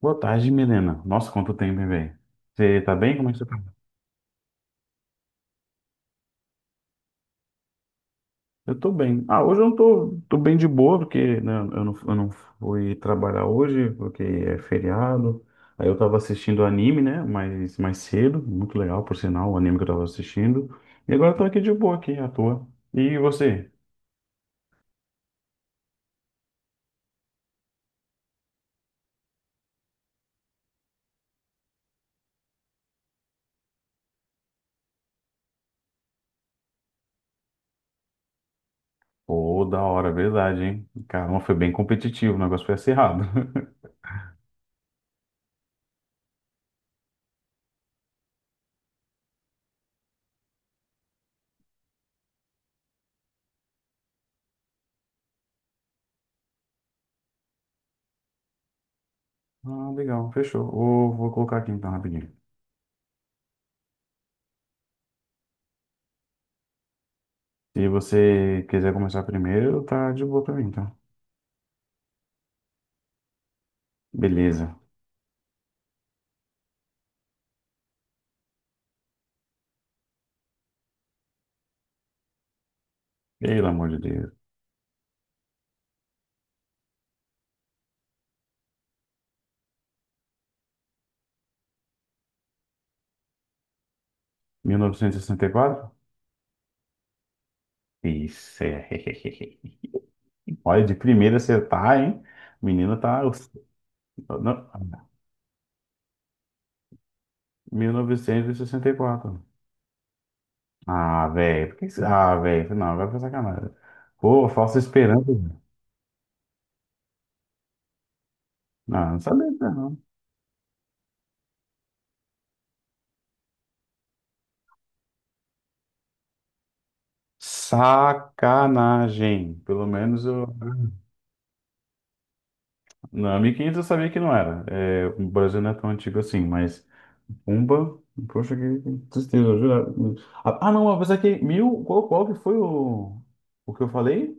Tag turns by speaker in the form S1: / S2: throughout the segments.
S1: Boa tarde, Milena. Nossa, quanto tempo, hein, velho? Você tá bem? Como é que você tá? Eu tô bem. Ah, hoje eu não tô, tô bem de boa, porque né, eu não fui trabalhar hoje, porque é feriado. Aí eu tava assistindo anime, né? Mais cedo, muito legal, por sinal, o anime que eu tava assistindo. E agora eu tô aqui de boa, aqui, à toa. E você? Pô, da hora, verdade, hein? Caramba, foi bem competitivo, o negócio foi acirrado. Ah, legal, fechou. Vou colocar aqui então, rapidinho. Se você quiser começar primeiro, tá de boa pra mim, tá? Beleza. Pelo amor de Deus. Mil novecentos e sessenta e quatro. Isso é. Olha, de primeira você tá, hein? O menino tá. Não, 1964. Ah, velho. Por que você... Ah, velho. Não, vai pra sacanagem. Pô, falsa esperança. Não, não sabia, disso, não. Sacanagem. Pelo menos eu na. Não, 1500 eu sabia que não era. É, o Brasil não é tão antigo assim, mas Pumba, poxa, que tristeza, eu juro. Ah, ah, não, apesar que mil, qual, qual que foi o que eu falei?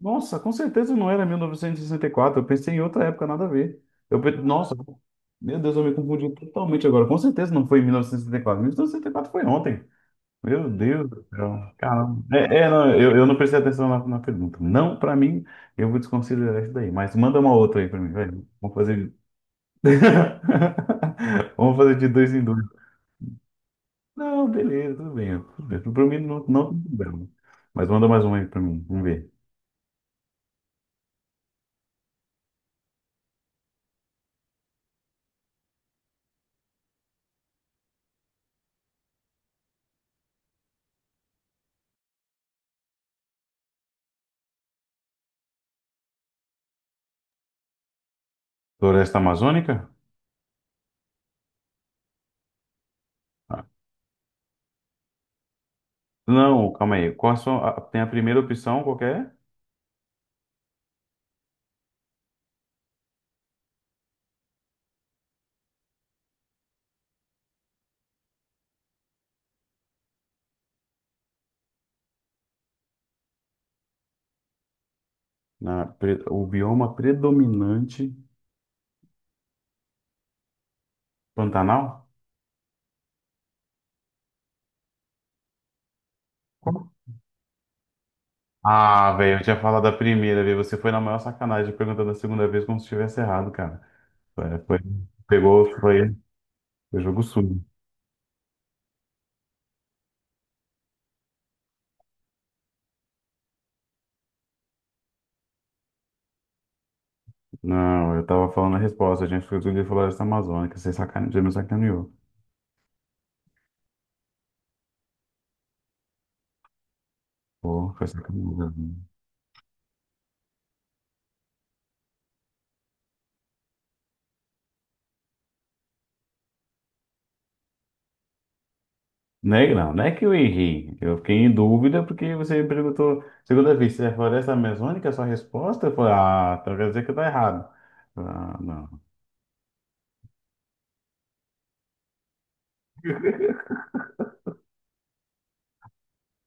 S1: Nossa, com certeza não era mil novecentos e sessenta e quatro, eu pensei em outra época, nada a ver. Eu, pe- nossa, meu Deus, eu me confundi totalmente agora. Com certeza não foi em 1964, 1964 foi ontem. Meu Deus do céu. Caramba. É, é, não, eu não prestei atenção na pergunta. Não, pra mim, eu vou desconsiderar isso daí. Mas manda uma outra aí pra mim, vai. Vamos fazer. Vamos fazer de dois em dois. Não, beleza, tudo bem. Tudo bem. Pra mim, não, não tem problema. Mas manda mais uma aí pra mim, vamos ver. Floresta Amazônica? Ah, não, calma aí. Qual a sua, a- tem a primeira opção, qual que é? Na, pre- o bioma predominante. Pantanal? Ah, velho, eu tinha falado da primeira vez. Você foi na maior sacanagem perguntando a segunda vez como se tivesse errado, cara. Foi, foi- pegou, foi, foi jogo sujo. Não, eu tava falando a resposta. A gente foi tudo de floresta amazônica. Você sacane... você me sacaneou. Pô, foi sacanagem. Não é, não, não é que eu errei. Eu fiquei em dúvida porque você me perguntou segunda vez se é floresta amazônica, a sua resposta? Eu falei, ah, então quer dizer que tá errado. Ah, não.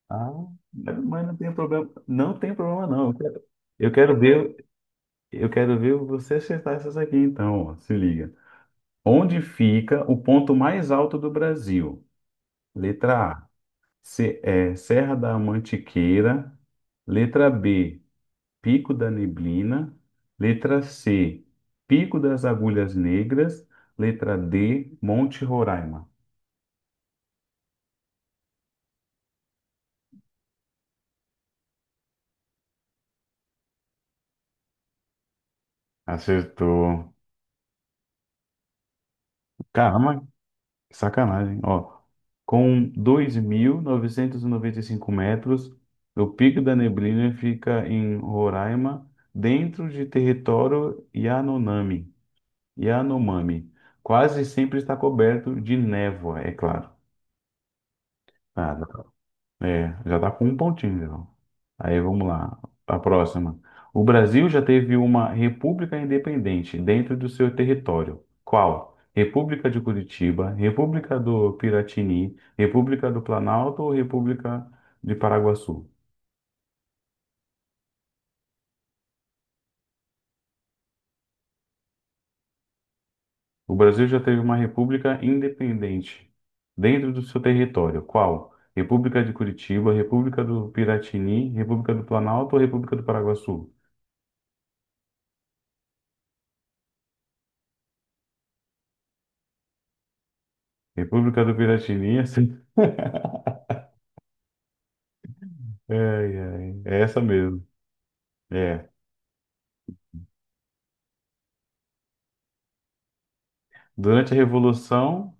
S1: Ah, mas não tem problema. Não tem problema, não. Eu quero ver. Eu quero ver você acertar essas aqui, então. Ó, se liga. Onde fica o ponto mais alto do Brasil? Letra A, se- é, Serra da Mantiqueira. Letra B, Pico da Neblina. Letra C, Pico das Agulhas Negras. Letra D, Monte Roraima. Acertou. Caramba, sacanagem, ó. Com dois mil novecentos e noventa e cinco metros, o Pico da Neblina fica em Roraima, dentro de território Yanomami. Yanomami. Quase sempre está coberto de névoa, é claro. Ah, é, já tá com um pontinho, então. Aí vamos lá, a próxima. O Brasil já teve uma república independente dentro do seu território. Qual? República de Curitiba, República do Piratini, República do Planalto ou República de Paraguaçu? O Brasil já teve uma república independente dentro do seu território. Qual? República de Curitiba, República do Piratini, República do Planalto ou República do Paraguaçu? República do Piratini. Ai, ai. É essa mesmo. É. Durante a Revolução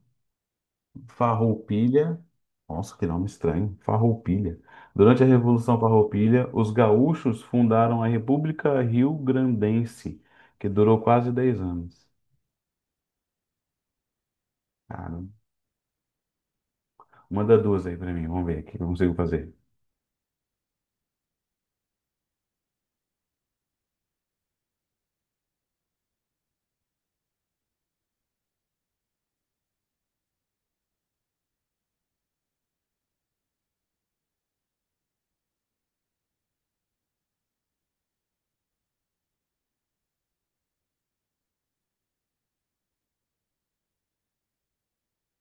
S1: Farroupilha, nossa, que nome estranho, Farroupilha. Durante a Revolução Farroupilha, os gaúchos fundaram a República Rio-Grandense, que durou quase 10 anos. Caramba. Manda duas aí pra mim, vamos ver o que eu consigo fazer.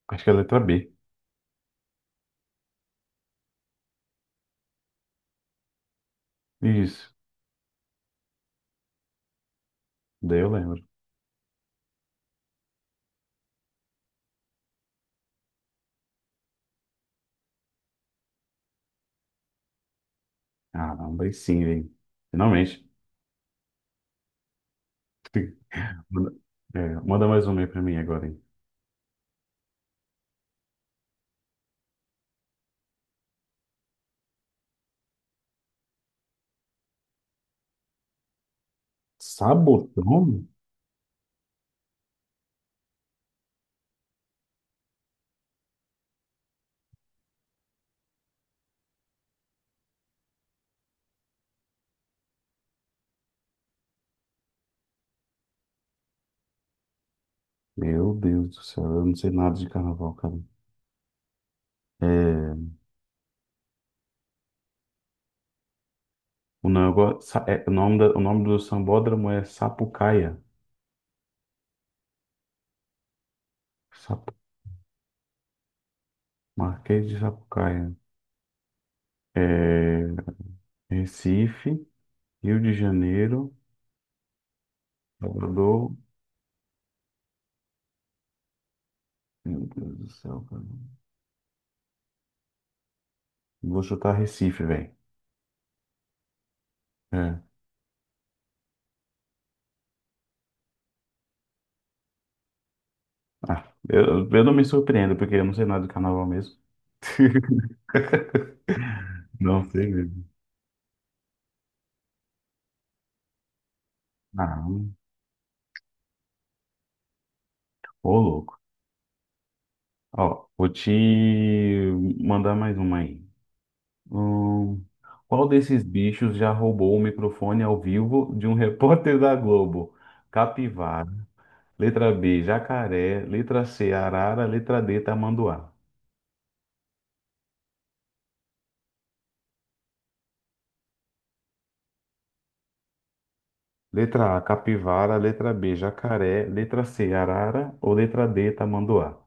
S1: Acho que é a letra B. Isso, daí eu lembro. Caramba, aí sim, hein? Finalmente. Manda, é, manda mais uma aí pra mim agora, hein? Sabotão? Meu Deus do céu, eu não sei nada de carnaval, cara. É, o, nego- sa- é, o nome da- o nome do sambódromo é Sapucaia. Sapu- Marquês de Sapucaia. É, Recife, Rio de Janeiro, Salvador. Meu Deus do céu, cara. Vou chutar Recife, velho. É. Ah, eu não me surpreendo, porque eu não sei nada de carnaval mesmo. Não sei mesmo. Ah, ô louco. Ó, vou te mandar mais uma aí. Hum, qual desses bichos já roubou o microfone ao vivo de um repórter da Globo? Capivara. Letra B, jacaré. Letra C, arara. Letra D, tamanduá. Letra A, capivara. Letra B, jacaré. Letra C, arara. Ou letra D, tamanduá?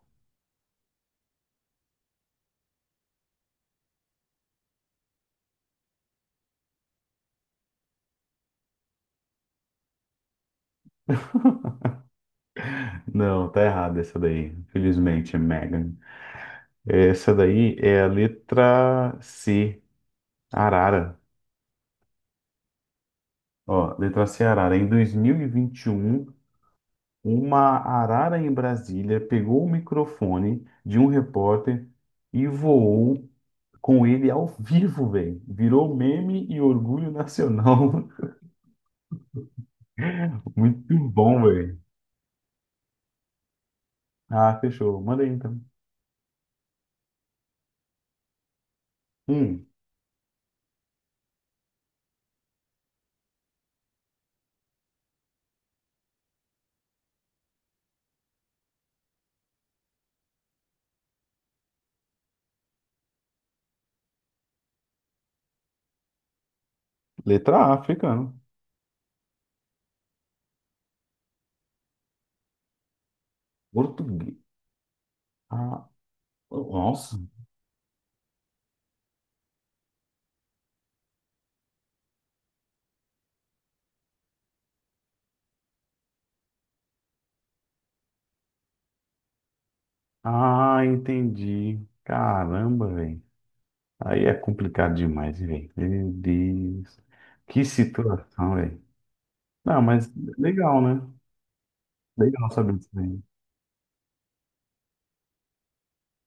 S1: Não, tá errado essa daí. Infelizmente, Megan. Essa daí é a letra C, arara. Ó, letra C, arara. Em 2021. Uma arara em Brasília pegou o microfone de um repórter e voou com ele ao vivo, velho. Virou meme e orgulho nacional. Muito bom, velho. Ah, fechou. Manda aí então. Hum, letra A, africano. Português. Ah, nossa. Ah, entendi. Caramba, velho. Aí é complicado demais, velho. Meu Deus. Que situação, velho. Não, mas legal, né? Legal saber disso aí.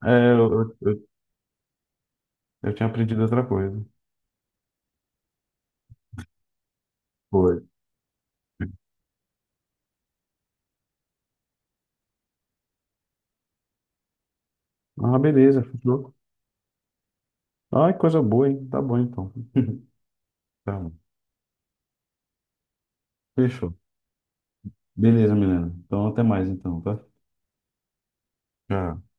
S1: É, eu tinha aprendido outra coisa. Foi. Ah, beleza, fechou. Ai, coisa boa, hein? Tá bom então. Tá bom. Fechou. Beleza, Milena. Então até mais então, tá? Tchau.